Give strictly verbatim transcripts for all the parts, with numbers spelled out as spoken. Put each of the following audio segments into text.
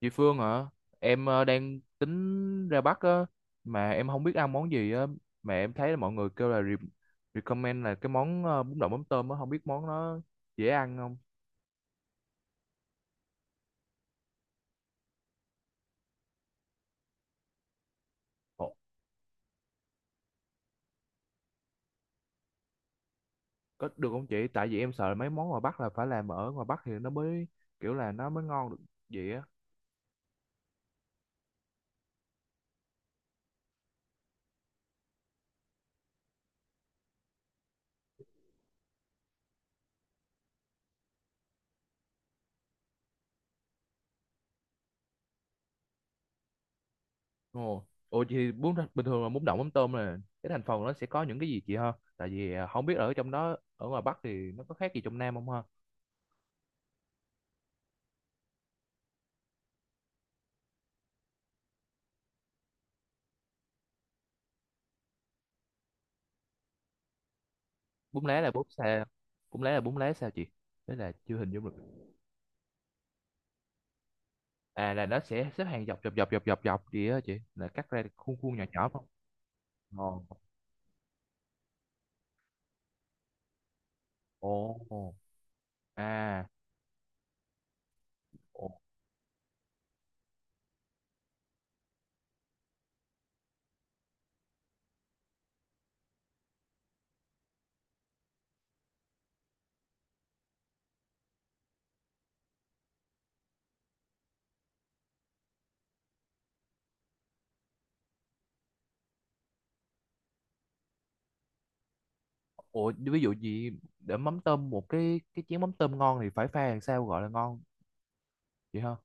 Chị Phương hả? Em ờ, đang tính ra Bắc á, mà em không biết ăn món gì á, mà em thấy là mọi người kêu là re- recommend là cái món ờ, bún đậu mắm tôm á, không biết món nó dễ ăn không? Ồ, có được không chị? Tại vì em sợ là mấy món ngoài Bắc là phải làm ở ngoài Bắc thì nó mới kiểu là nó mới ngon được vậy á. Ồ, ồ chị, bún bình thường là bún đậu mắm tôm là cái thành phần nó sẽ có những cái gì chị ha? Tại vì ờ, không biết ở trong đó ở ngoài Bắc thì nó có khác gì trong Nam không ha? Bún lá là bún xào, bún lá là bún lá sao chị? Thế là chưa hình dung được. À là nó sẽ xếp hàng dọc dọc dọc dọc dọc dọc gì đó chị, là cắt ra khuôn khuôn nhỏ nhỏ không? Ồ, ồ, à, ồ, ồ ví dụ gì để mắm tôm, một cái cái chén mắm tôm ngon thì phải pha làm sao gọi là ngon chị ha?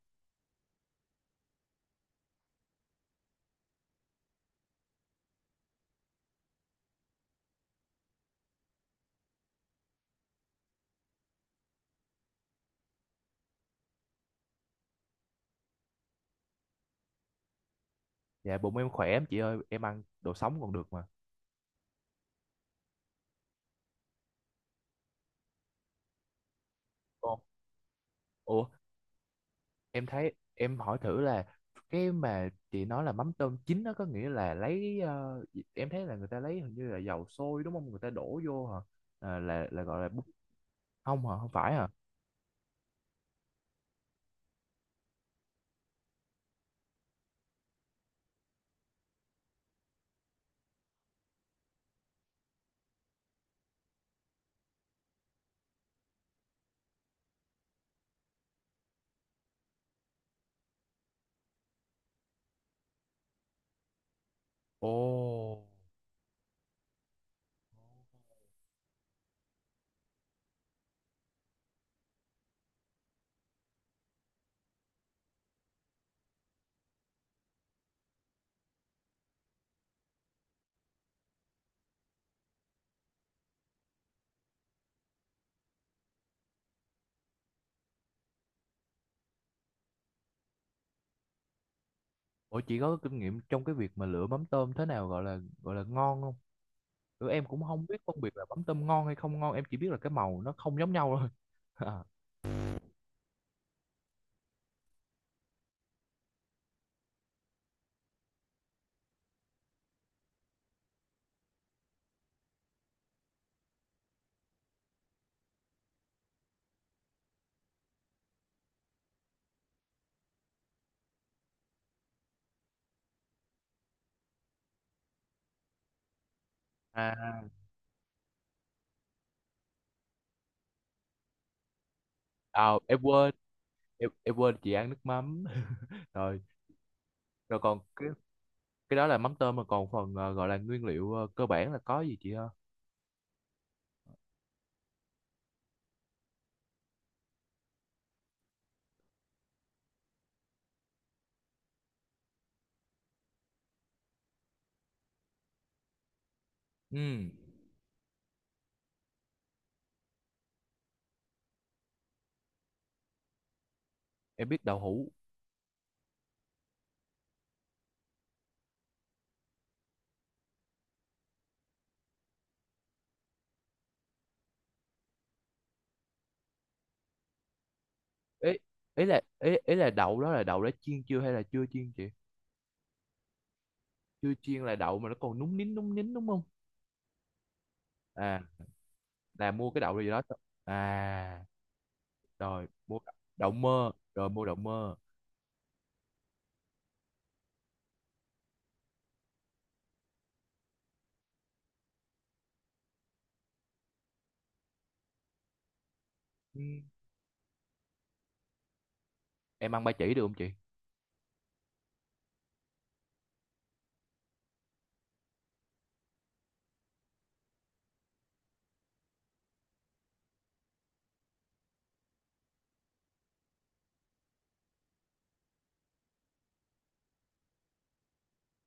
Dạ bụng em khỏe lắm chị ơi, em ăn đồ sống còn được mà. Ồ, ủa, em thấy em hỏi thử là cái mà chị nói là mắm tôm chín nó có nghĩa là lấy, ờ, em thấy là người ta lấy hình như là dầu sôi đúng không, người ta đổ vô hả? À, là là gọi là bún. Không hả, không phải hả? Ồ. Ủa chị có kinh nghiệm trong cái việc mà lựa mắm tôm thế nào gọi là gọi là ngon không? Ừ, em cũng không biết phân biệt là mắm tôm ngon hay không ngon, em chỉ biết là cái màu nó không giống nhau thôi. À, à, à em quên, em, em quên chị ăn nước mắm. Rồi, rồi còn cái cái đó là mắm tôm, mà còn phần ờ, gọi là nguyên liệu ờ, cơ bản là có gì chị ha? Ừ, em biết đậu hũ. Ý, ý là ý, ý là đậu đó là đậu đã chiên chưa hay là chưa chiên chị? Chưa chiên là đậu mà nó còn núng nín núng nín đúng không? À, là mua cái đậu gì đó. À, rồi mua đậu mơ rồi mua đậu mơ. Ừ. Em ăn ba chỉ được không chị?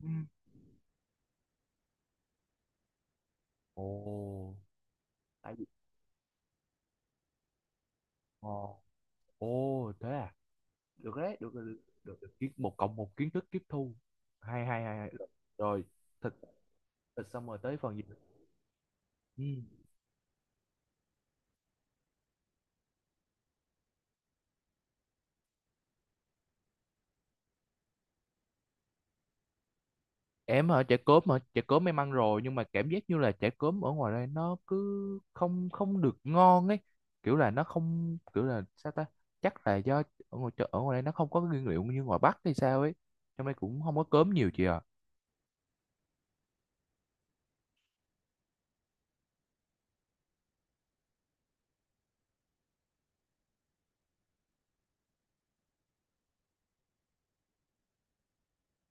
Ừ, ồ, tại vì, ồ, ồ thế à, được đấy, được, được, được, được. Kiến- một cộng một, kiến thức tiếp thu. Hay hay hay hay. Rồi, thịt, thịt xong rồi tới phần gì? Ừ. Em ở chợ cốm mà, chợ cốm em ăn rồi, nhưng mà cảm giác như là chả cốm ở ngoài đây nó cứ không không được ngon ấy, kiểu là nó không, kiểu là sao ta, chắc là do ở ngoài chợ, ở ngoài đây nó không có cái nguyên liệu như ngoài Bắc hay sao ấy. Trong đây cũng không có cốm nhiều chị à.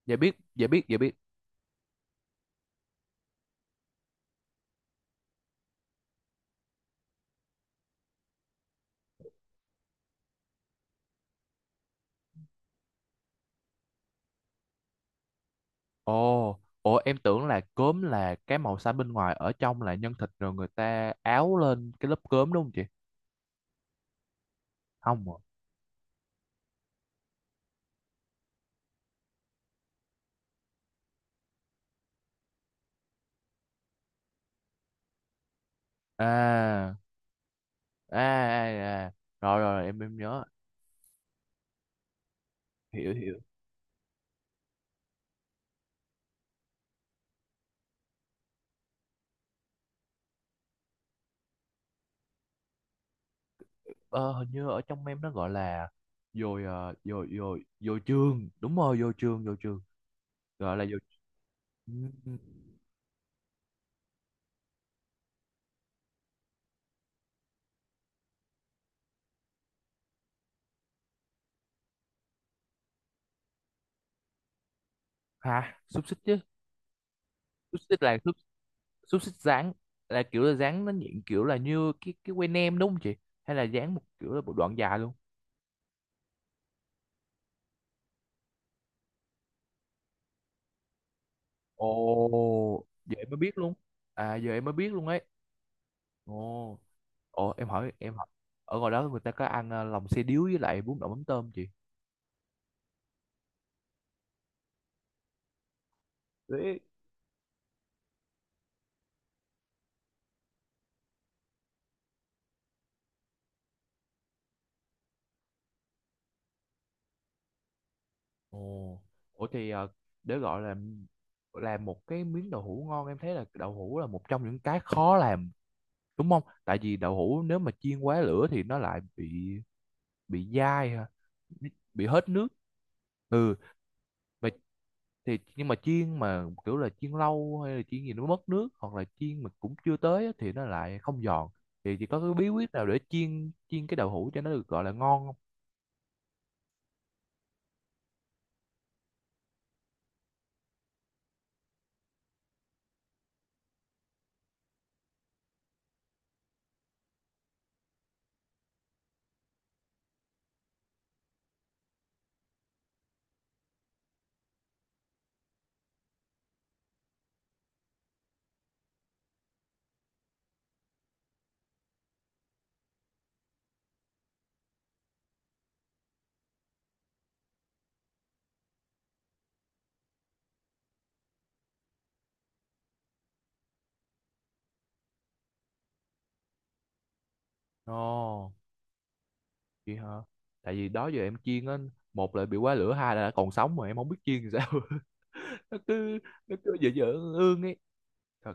Dạ biết, dạ biết, dạ biết. Ồ, ồ, em tưởng là cốm là cái màu xanh bên ngoài, ở trong là nhân thịt rồi người ta áo lên cái lớp cốm đúng không chị? Không ạ. À, à, à, à. Rồi, rồi em em nhớ. Hiểu, hiểu. ờ, Hình như ở trong em nó gọi là dồi ờ, dồi dồi dồi trường Đúng rồi, dồi trường, dồi trường, gọi là dồi. Ừm, hả, xúc xích chứ. Xúc xích là xúc, xúc xích rán, là kiểu là rán nó nhịn, kiểu là như cái cái que nem đúng không chị, hay là rán một kiểu là một đoạn dài luôn? Ồ giờ em mới biết luôn, à giờ em mới biết luôn ấy. Ồ, ồ, em hỏi em hỏi ở ngoài đó người ta có ăn ờ, lòng xe điếu với lại bún đậu mắm tôm chị? Ê, ồ, ủa thì ờ, để gọi là làm một cái miếng đậu hũ ngon, em thấy là đậu hũ là một trong những cái khó làm đúng không? Tại vì đậu hũ nếu mà chiên quá lửa thì nó lại bị bị dai ha, bị bị hết nước. Ừ, mà thì nhưng mà chiên mà kiểu là chiên lâu hay là chiên gì nó mất nước, hoặc là chiên mà cũng chưa tới á, thì nó lại không giòn. Thì chỉ có cái bí quyết nào để chiên chiên cái đậu hũ cho nó được gọi là ngon không? Ồ. Chị hả? Tại vì đó giờ em chiên á, một là bị quá lửa, hai là đã còn sống mà em không biết chiên thì sao. Nó cứ nó cứ dở dở ương ương ấy. Thật.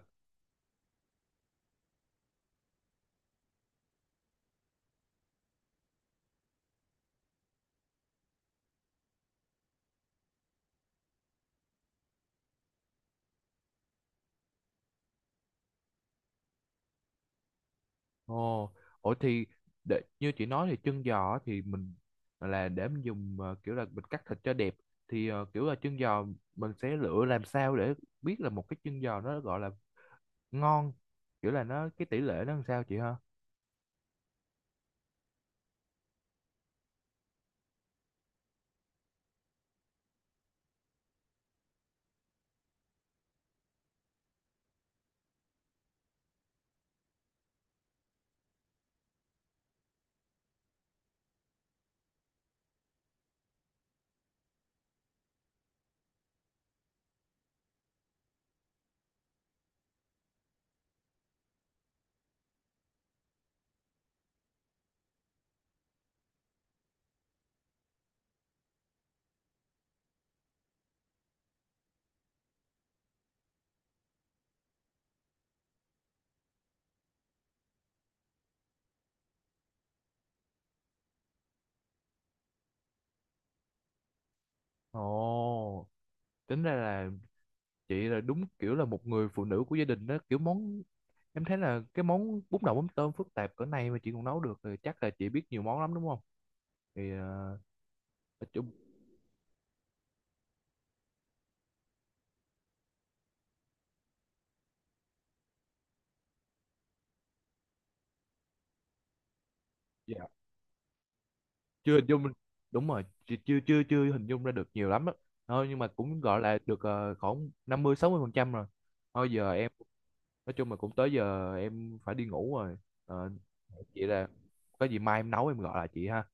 Ồ, ủa thì để, như chị nói thì chân giò á thì mình là để mình dùng, ờ, kiểu là mình cắt thịt cho đẹp, thì ờ, kiểu là chân giò mình sẽ lựa làm sao để biết là một cái chân giò nó gọi là ngon, kiểu là nó cái tỷ lệ nó làm sao chị ha? Ồ, tính ra là chị là đúng kiểu là một người phụ nữ của gia đình đó, kiểu món, em thấy là cái món bún đậu mắm tôm phức tạp cỡ này mà chị còn nấu được thì chắc là chị biết nhiều món lắm đúng không? Thì ờ, nói chung, dạ chưa hình dung. Đúng rồi chị, chưa chưa chưa hình dung ra được nhiều lắm á. Thôi nhưng mà cũng gọi là được ờ, khoảng năm mươi sáu mươi phần trăm rồi. Thôi giờ em, nói chung là cũng tới giờ em phải đi ngủ rồi. Ờ, chị, là có gì mai em nấu em gọi lại chị ha.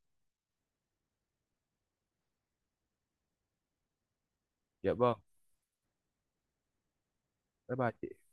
Dạ vâng. Bye bye chị.